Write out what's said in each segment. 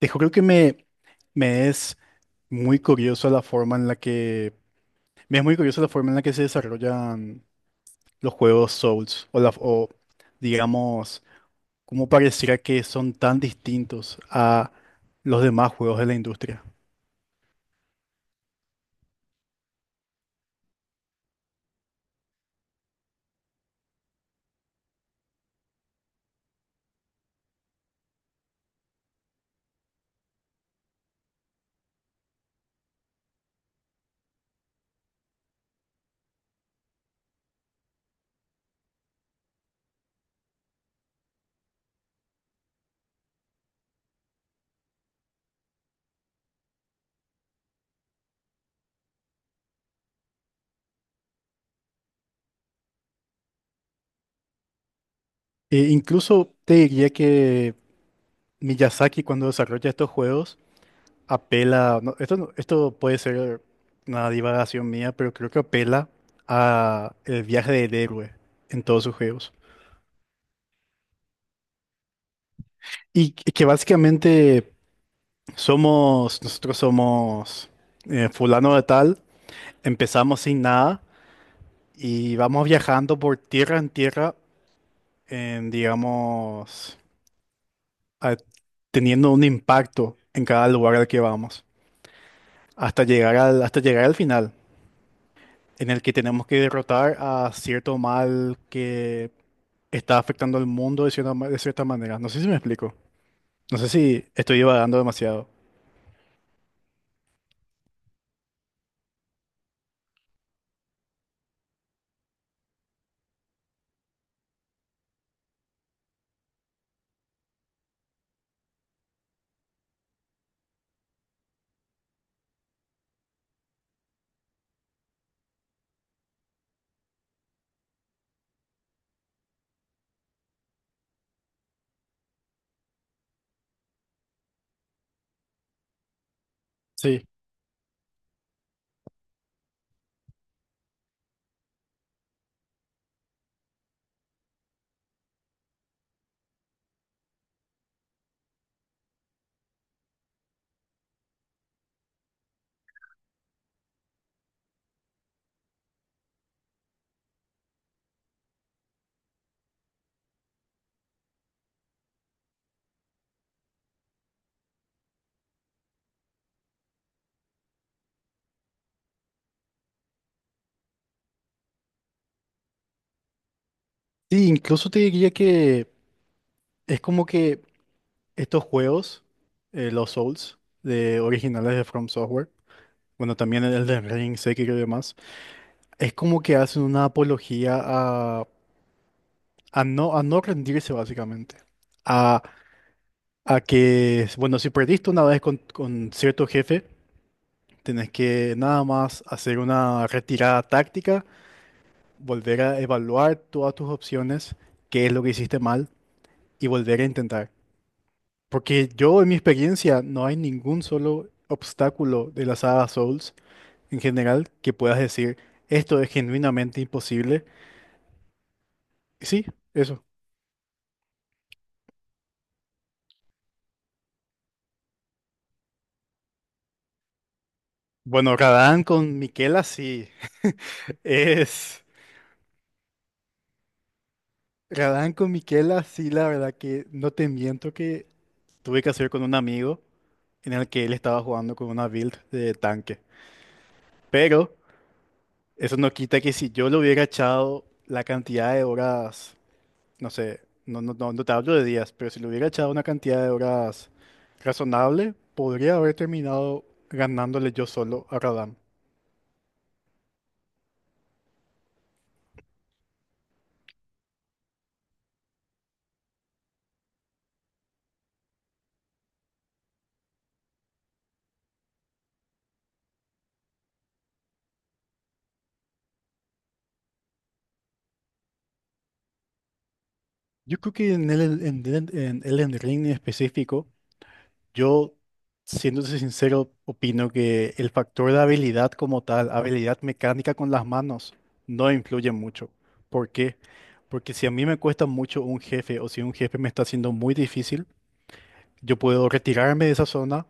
Dijo, creo que me es muy curioso la forma en la que me es muy curiosa la forma en la que se desarrollan los juegos Souls o digamos cómo pareciera que son tan distintos a los demás juegos de la industria. E incluso te diría que Miyazaki cuando desarrolla estos juegos apela, no, esto puede ser una divagación mía, pero creo que apela a el viaje del héroe en todos sus juegos. Y que básicamente nosotros somos fulano de tal, empezamos sin nada y vamos viajando por tierra en tierra, en, digamos, a- teniendo un impacto en cada lugar al que vamos, hasta llegar al final, en el que tenemos que derrotar a cierto mal que está afectando al mundo de cierta manera. No sé si me explico, no sé si estoy divagando demasiado. Sí, Sí, incluso te diría que es como que estos juegos, los Souls, de originales de From Software, bueno, también el de Ring, Sekiro y demás, es como que hacen una apología a no rendirse básicamente. A, a que, bueno, si perdiste una vez con cierto jefe, tenés que nada más hacer una retirada táctica, volver a evaluar todas tus opciones, qué es lo que hiciste mal y volver a intentar. Porque yo, en mi experiencia, no hay ningún solo obstáculo de la saga Souls en general que puedas decir, esto es genuinamente imposible. Y sí, eso. Bueno, Radán con Miquela sí. Es. Radán con Miquela sí, la verdad que no te miento que tuve que hacer con un amigo en el que él estaba jugando con una build de tanque. Pero eso no quita que si yo le hubiera echado la cantidad de horas no sé, no, no, no, no te hablo de días, pero si le hubiera echado una cantidad de horas razonable, podría haber terminado ganándole yo solo a Radam. Yo creo que en Elden Ring en específico, yo, siéndose sincero, opino que el factor de habilidad como tal, habilidad mecánica con las manos, no influye mucho. ¿Por qué? Porque si a mí me cuesta mucho un jefe o si un jefe me está haciendo muy difícil, yo puedo retirarme de esa zona,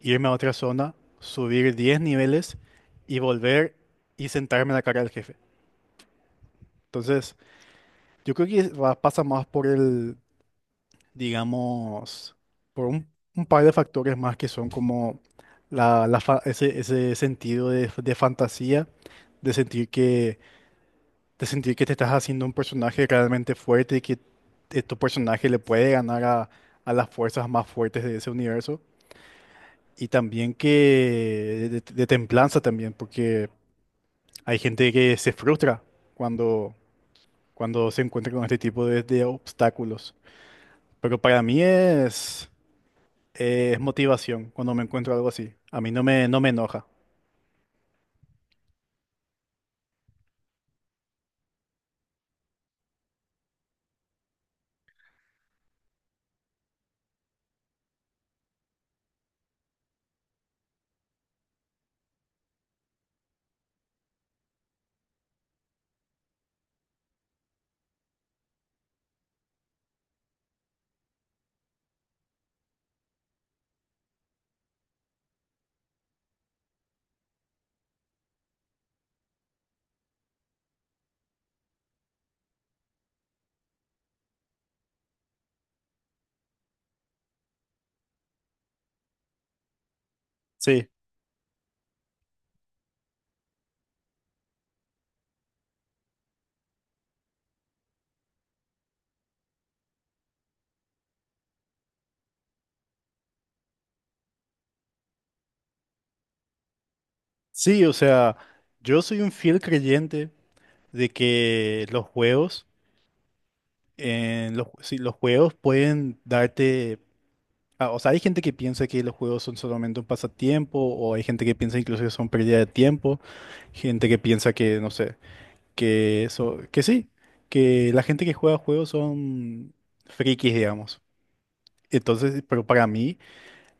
irme a otra zona, subir 10 niveles y volver y sentarme en la cara del jefe. Entonces, yo creo que pasa más por el, digamos, por un par de factores más que son como ese sentido de fantasía, de sentir que, de sentir que te estás haciendo un personaje realmente fuerte y que tu personaje le puede ganar a las fuerzas más fuertes de ese universo. Y también que de templanza también, porque hay gente que se frustra cuando, cuando se encuentra con este tipo de obstáculos. Pero para mí es motivación cuando me encuentro algo así. A mí no me enoja. Sí, sí, o sea, yo soy un fiel creyente de que los juegos, sí, los juegos pueden darte. O sea, hay gente que piensa que los juegos son solamente un pasatiempo, o hay gente que piensa incluso que son pérdida de tiempo, gente que piensa que, no sé que eso, que sí, que la gente que juega juegos son frikis, digamos. Entonces, pero para mí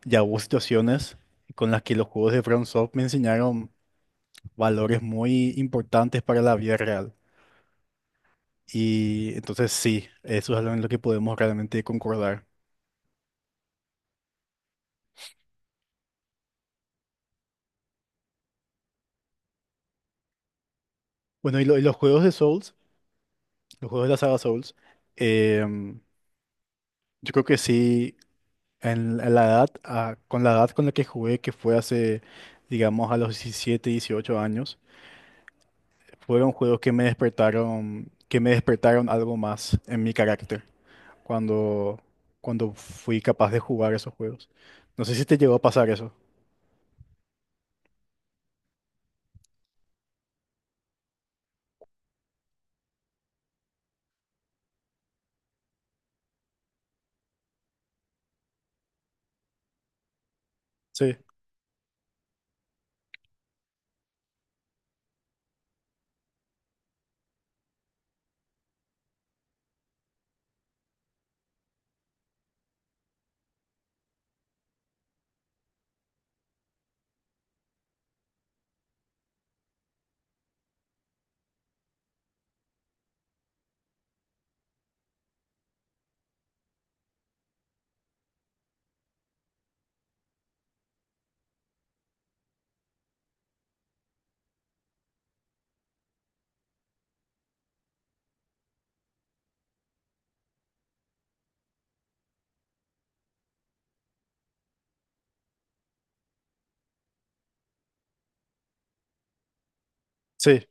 ya hubo situaciones con las que los juegos de FromSoft me enseñaron valores muy importantes para la vida real. Y entonces sí, eso es algo en lo que podemos realmente concordar. Bueno, y los juegos de Souls, los juegos de la saga Souls, em, yo creo que sí, en la edad, con la edad con la que jugué, que fue hace, digamos, a los 17 18 años, fueron juegos que me despertaron algo más en mi carácter cuando, cuando fui capaz de jugar esos juegos. No sé si te llegó a pasar eso. Sí, sí,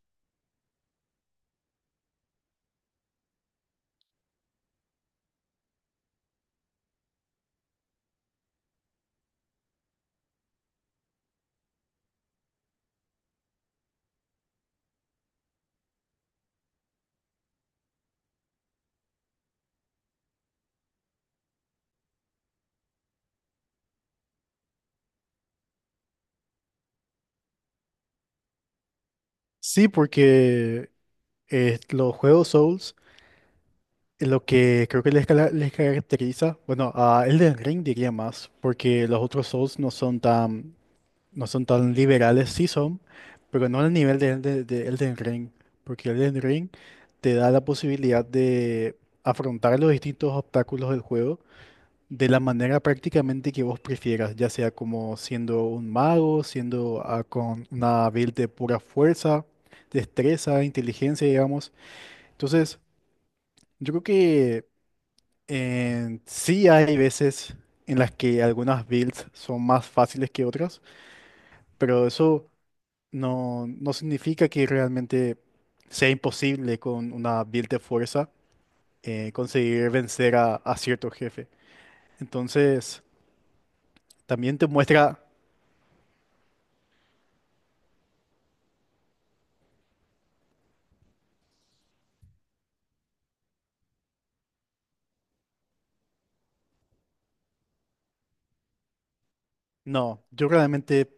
sí, porque los juegos Souls, lo que creo que les caracteriza, bueno, a Elden Ring diría más, porque los otros Souls no son tan liberales, sí son, pero no al nivel de Elden Ring, porque Elden Ring te da la posibilidad de afrontar los distintos obstáculos del juego de la manera prácticamente que vos prefieras, ya sea como siendo un mago, siendo con una build de pura fuerza, destreza, inteligencia, digamos. Entonces, yo creo que sí hay veces en las que algunas builds son más fáciles que otras, pero eso no significa que realmente sea imposible con una build de fuerza conseguir vencer a cierto jefe. Entonces, también te muestra, no, yo realmente,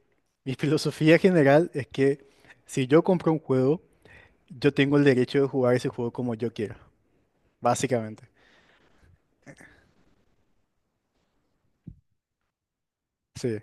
mi filosofía general es que si yo compro un juego, yo tengo el derecho de jugar ese juego como yo quiera, básicamente. Sí,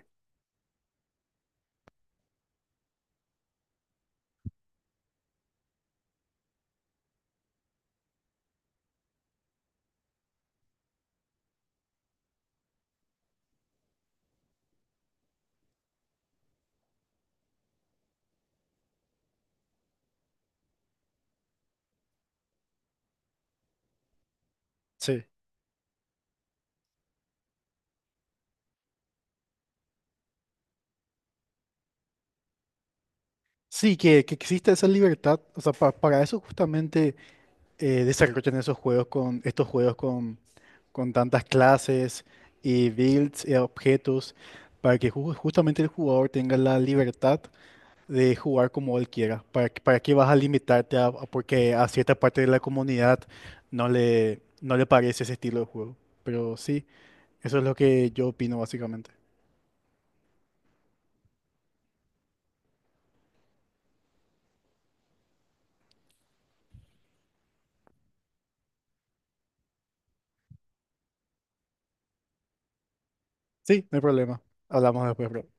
sí. Sí, que exista esa libertad, o sea, para eso justamente desarrollan esos juegos con, estos juegos con tantas clases y builds y objetos, para que justamente el jugador tenga la libertad de jugar como él quiera. ¿Para qué vas a limitarte a porque a cierta parte de la comunidad no le parece ese estilo de juego? Pero sí, eso es lo que yo opino básicamente. Sí, no hay problema. Hablamos después, bro.